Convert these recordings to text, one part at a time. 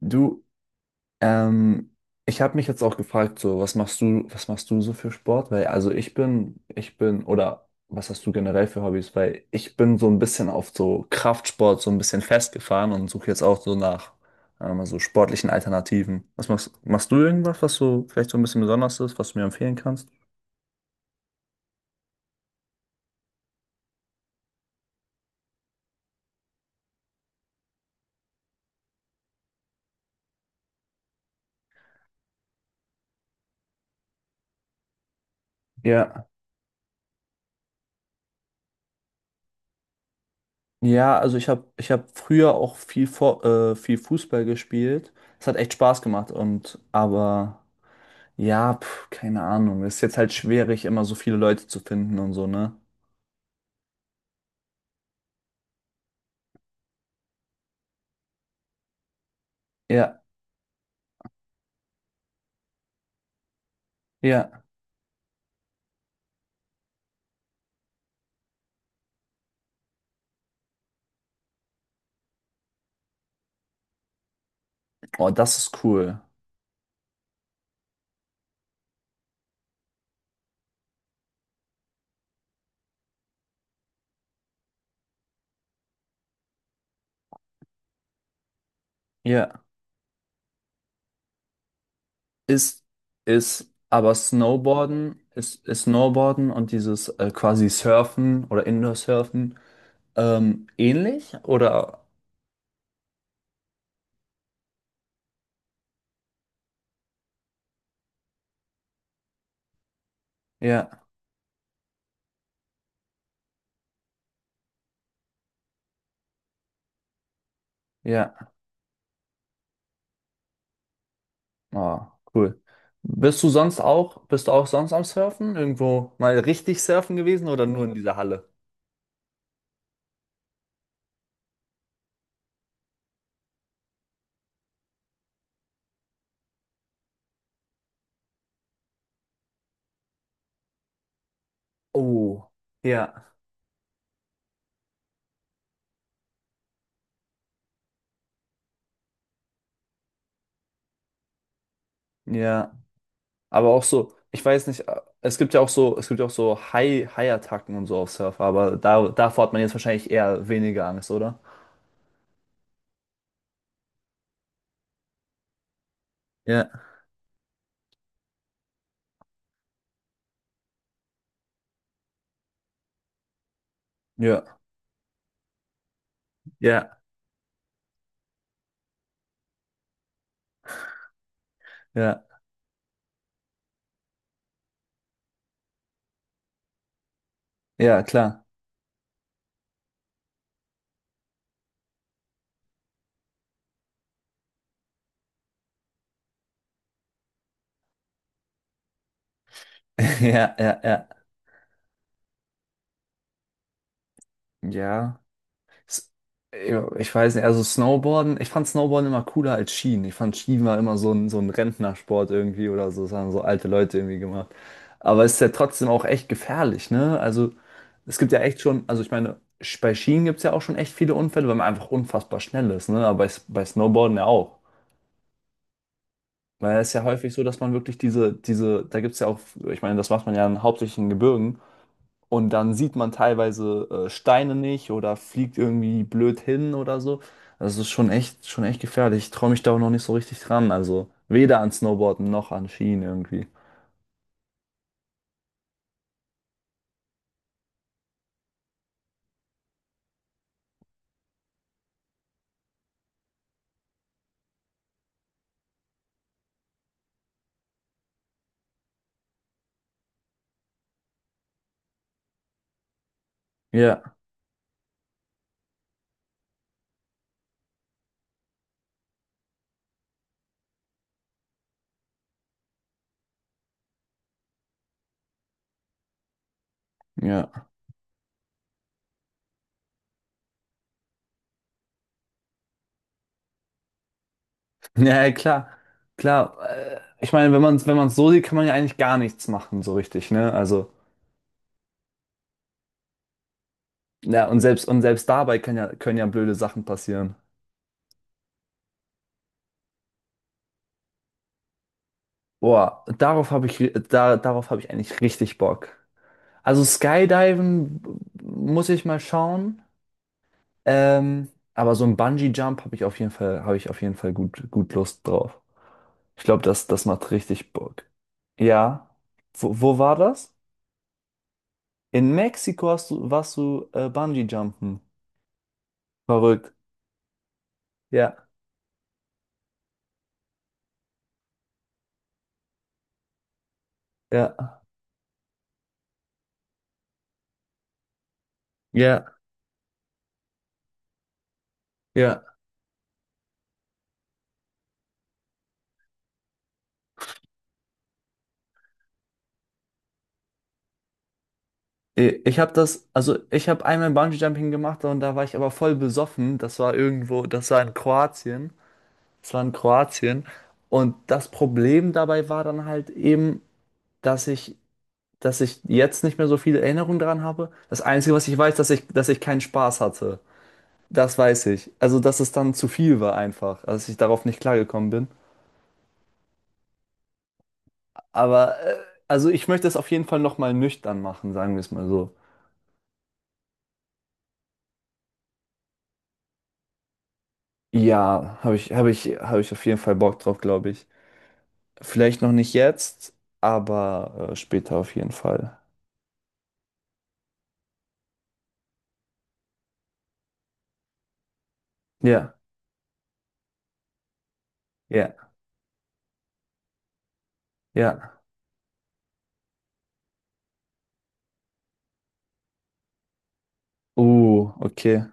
Du, ähm, Ich habe mich jetzt auch gefragt, so, was machst du so für Sport? Weil, also ich bin, oder was hast du generell für Hobbys? Weil ich bin so ein bisschen auf so Kraftsport so ein bisschen festgefahren und suche jetzt auch so nach so sportlichen Alternativen. Was machst du irgendwas, was so vielleicht so ein bisschen besonders ist, was du mir empfehlen kannst? Ja, ja, also ich hab früher auch viel Fußball gespielt. Es hat echt Spaß gemacht und aber ja, pf, keine Ahnung. Ist jetzt halt schwierig, immer so viele Leute zu finden und so, ne? Ja, ja. Oh, das ist cool. Ja. Ist, aber Snowboarden ist Snowboarden und dieses quasi Surfen oder Indoor-Surfen ähnlich? Oder? Ja, ja. Oh, cool. Bist du sonst auch, bist du auch sonst am Surfen? Irgendwo mal richtig surfen gewesen oder nur in dieser Halle? Oh, ja, ja. Aber auch so, ich weiß nicht, es gibt ja auch so, es gibt ja auch so Haiattacken und so auf Surfer, aber davor hat man jetzt wahrscheinlich eher weniger Angst, oder? Ja, ja, ja, ja, ja, klar. Ja, ja, ja. Ja. S- ja, ich weiß nicht, also Snowboarden, ich fand Snowboarden immer cooler als Skien. Ich fand Skien war immer so ein Rentnersport irgendwie oder so, das haben so alte Leute irgendwie gemacht. Aber es ist ja trotzdem auch echt gefährlich, ne? Also es gibt ja echt schon, also ich meine, bei Skien gibt es ja auch schon echt viele Unfälle, weil man einfach unfassbar schnell ist, ne? Aber bei Snowboarden ja auch. Weil es ist ja häufig so, dass man wirklich da gibt es ja auch, ich meine, das macht man ja hauptsächlich in Gebirgen, und dann sieht man teilweise Steine nicht oder fliegt irgendwie blöd hin oder so. Das ist schon echt gefährlich. Ich traue mich da auch noch nicht so richtig dran. Also weder an Snowboarden noch an Skien irgendwie. Ja, ja. Ja, klar, klar. Ich meine, wenn man so sieht, kann man ja eigentlich gar nichts machen, so richtig, ne? Also, ja, und selbst dabei können ja blöde Sachen passieren. Boah, darauf habe ich, ri- da, darauf habe ich eigentlich richtig Bock. Also Skydiven muss ich mal schauen. Ähm, aber so ein Bungee-Jump habe ich auf jeden Fall, habe ich auf jeden Fall gut, gut Lust drauf. Ich glaube, das macht richtig Bock. Ja. Wo war das? In Mexiko hast du, warst du Bungee-Jumpen. Verrückt. Ja, ja, ja, ja. Ich habe das, also ich habe einmal Bungee-Jumping gemacht und da war ich aber voll besoffen. Das war irgendwo, das war in Kroatien. Das war in Kroatien. Und das Problem dabei war dann halt eben, dass ich dass ich jetzt nicht mehr so viele Erinnerungen daran habe. Das Einzige, was ich weiß, dass ich keinen Spaß hatte. Das weiß ich. Also, dass es dann zu viel war einfach, dass ich darauf nicht klargekommen bin. Aber, also ich möchte es auf jeden Fall nochmal nüchtern machen, sagen wir es mal so. Ja, habe ich auf jeden Fall Bock drauf, glaube ich. Vielleicht noch nicht jetzt, aber später auf jeden Fall. Ja, ja, ja. Okay.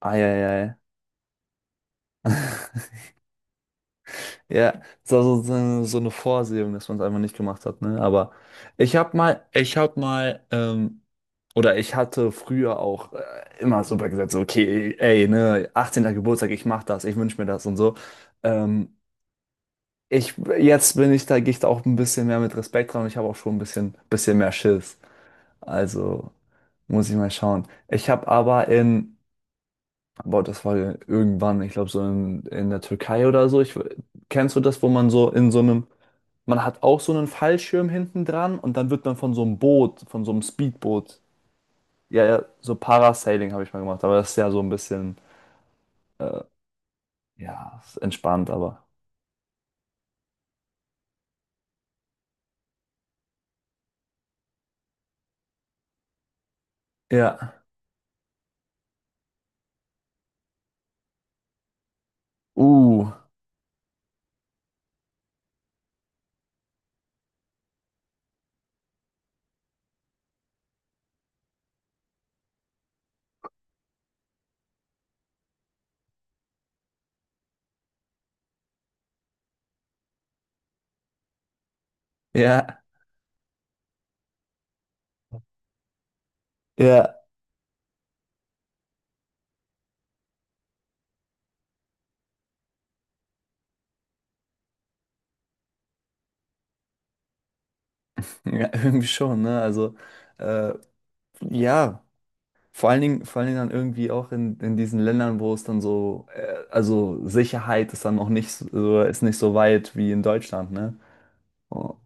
Eieiei. Ja, so, so, so eine Vorsehung, dass man es einfach nicht gemacht hat, ne? Aber ich habe mal, ich habe mal, ähm, oder ich hatte früher auch immer super gesagt, so, okay, ey, ne, 18. Geburtstag, ich mach das, ich wünsch mir das und so. Ähm, jetzt bin ich da, gehe ich da auch ein bisschen mehr mit Respekt dran und ich habe auch schon bisschen mehr Schiss. Also muss ich mal schauen. Ich habe aber in Aber das war ja irgendwann, ich glaube, so in der Türkei oder so. Ich, kennst du das, wo man so in so einem, man hat auch so einen Fallschirm hinten dran und dann wird man von so einem Boot, von so einem Speedboot, ja, ja, so Parasailing habe ich mal gemacht, aber das ist ja so ein bisschen, äh, ja, ist entspannt, aber. Ja. Uh, ja, ja, ja, irgendwie schon, ne? Also, äh, ja. Vor allen Dingen dann irgendwie auch in diesen Ländern, wo es dann so, also Sicherheit ist dann noch nicht so, ist nicht so weit wie in Deutschland, ne? Oh,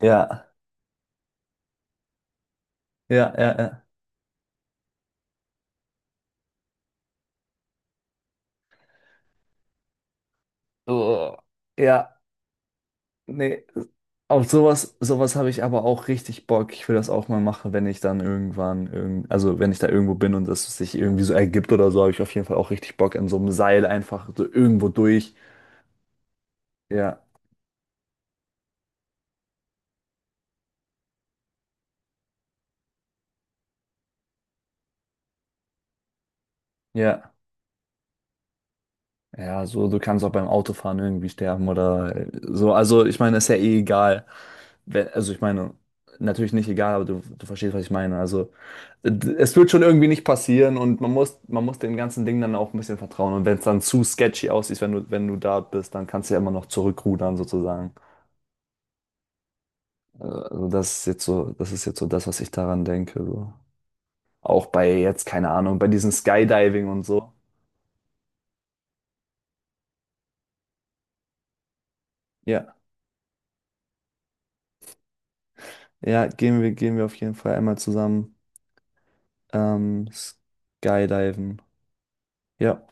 ja, ja, ja, ja. Oh, ja, nee. Auf sowas, sowas habe ich aber auch richtig Bock. Ich will das auch mal machen, wenn ich dann irgendwann, irgend, also wenn ich da irgendwo bin und das sich irgendwie so ergibt oder so, habe ich auf jeden Fall auch richtig Bock in so einem Seil einfach so irgendwo durch. Ja, ja. Ja, so, du kannst auch beim Autofahren irgendwie sterben oder so. Also, ich meine, ist ja eh egal. Also, ich meine, natürlich nicht egal, aber du verstehst, was ich meine. Also, es wird schon irgendwie nicht passieren und man muss dem ganzen Ding dann auch ein bisschen vertrauen. Und wenn es dann zu sketchy aussieht, wenn du da bist, dann kannst du ja immer noch zurückrudern, sozusagen. Also, das ist jetzt so das, was ich daran denke. So. Auch bei jetzt, keine Ahnung, bei diesem Skydiving und so. Ja, ja, gehen wir auf jeden Fall einmal zusammen. Skydiven. Ja.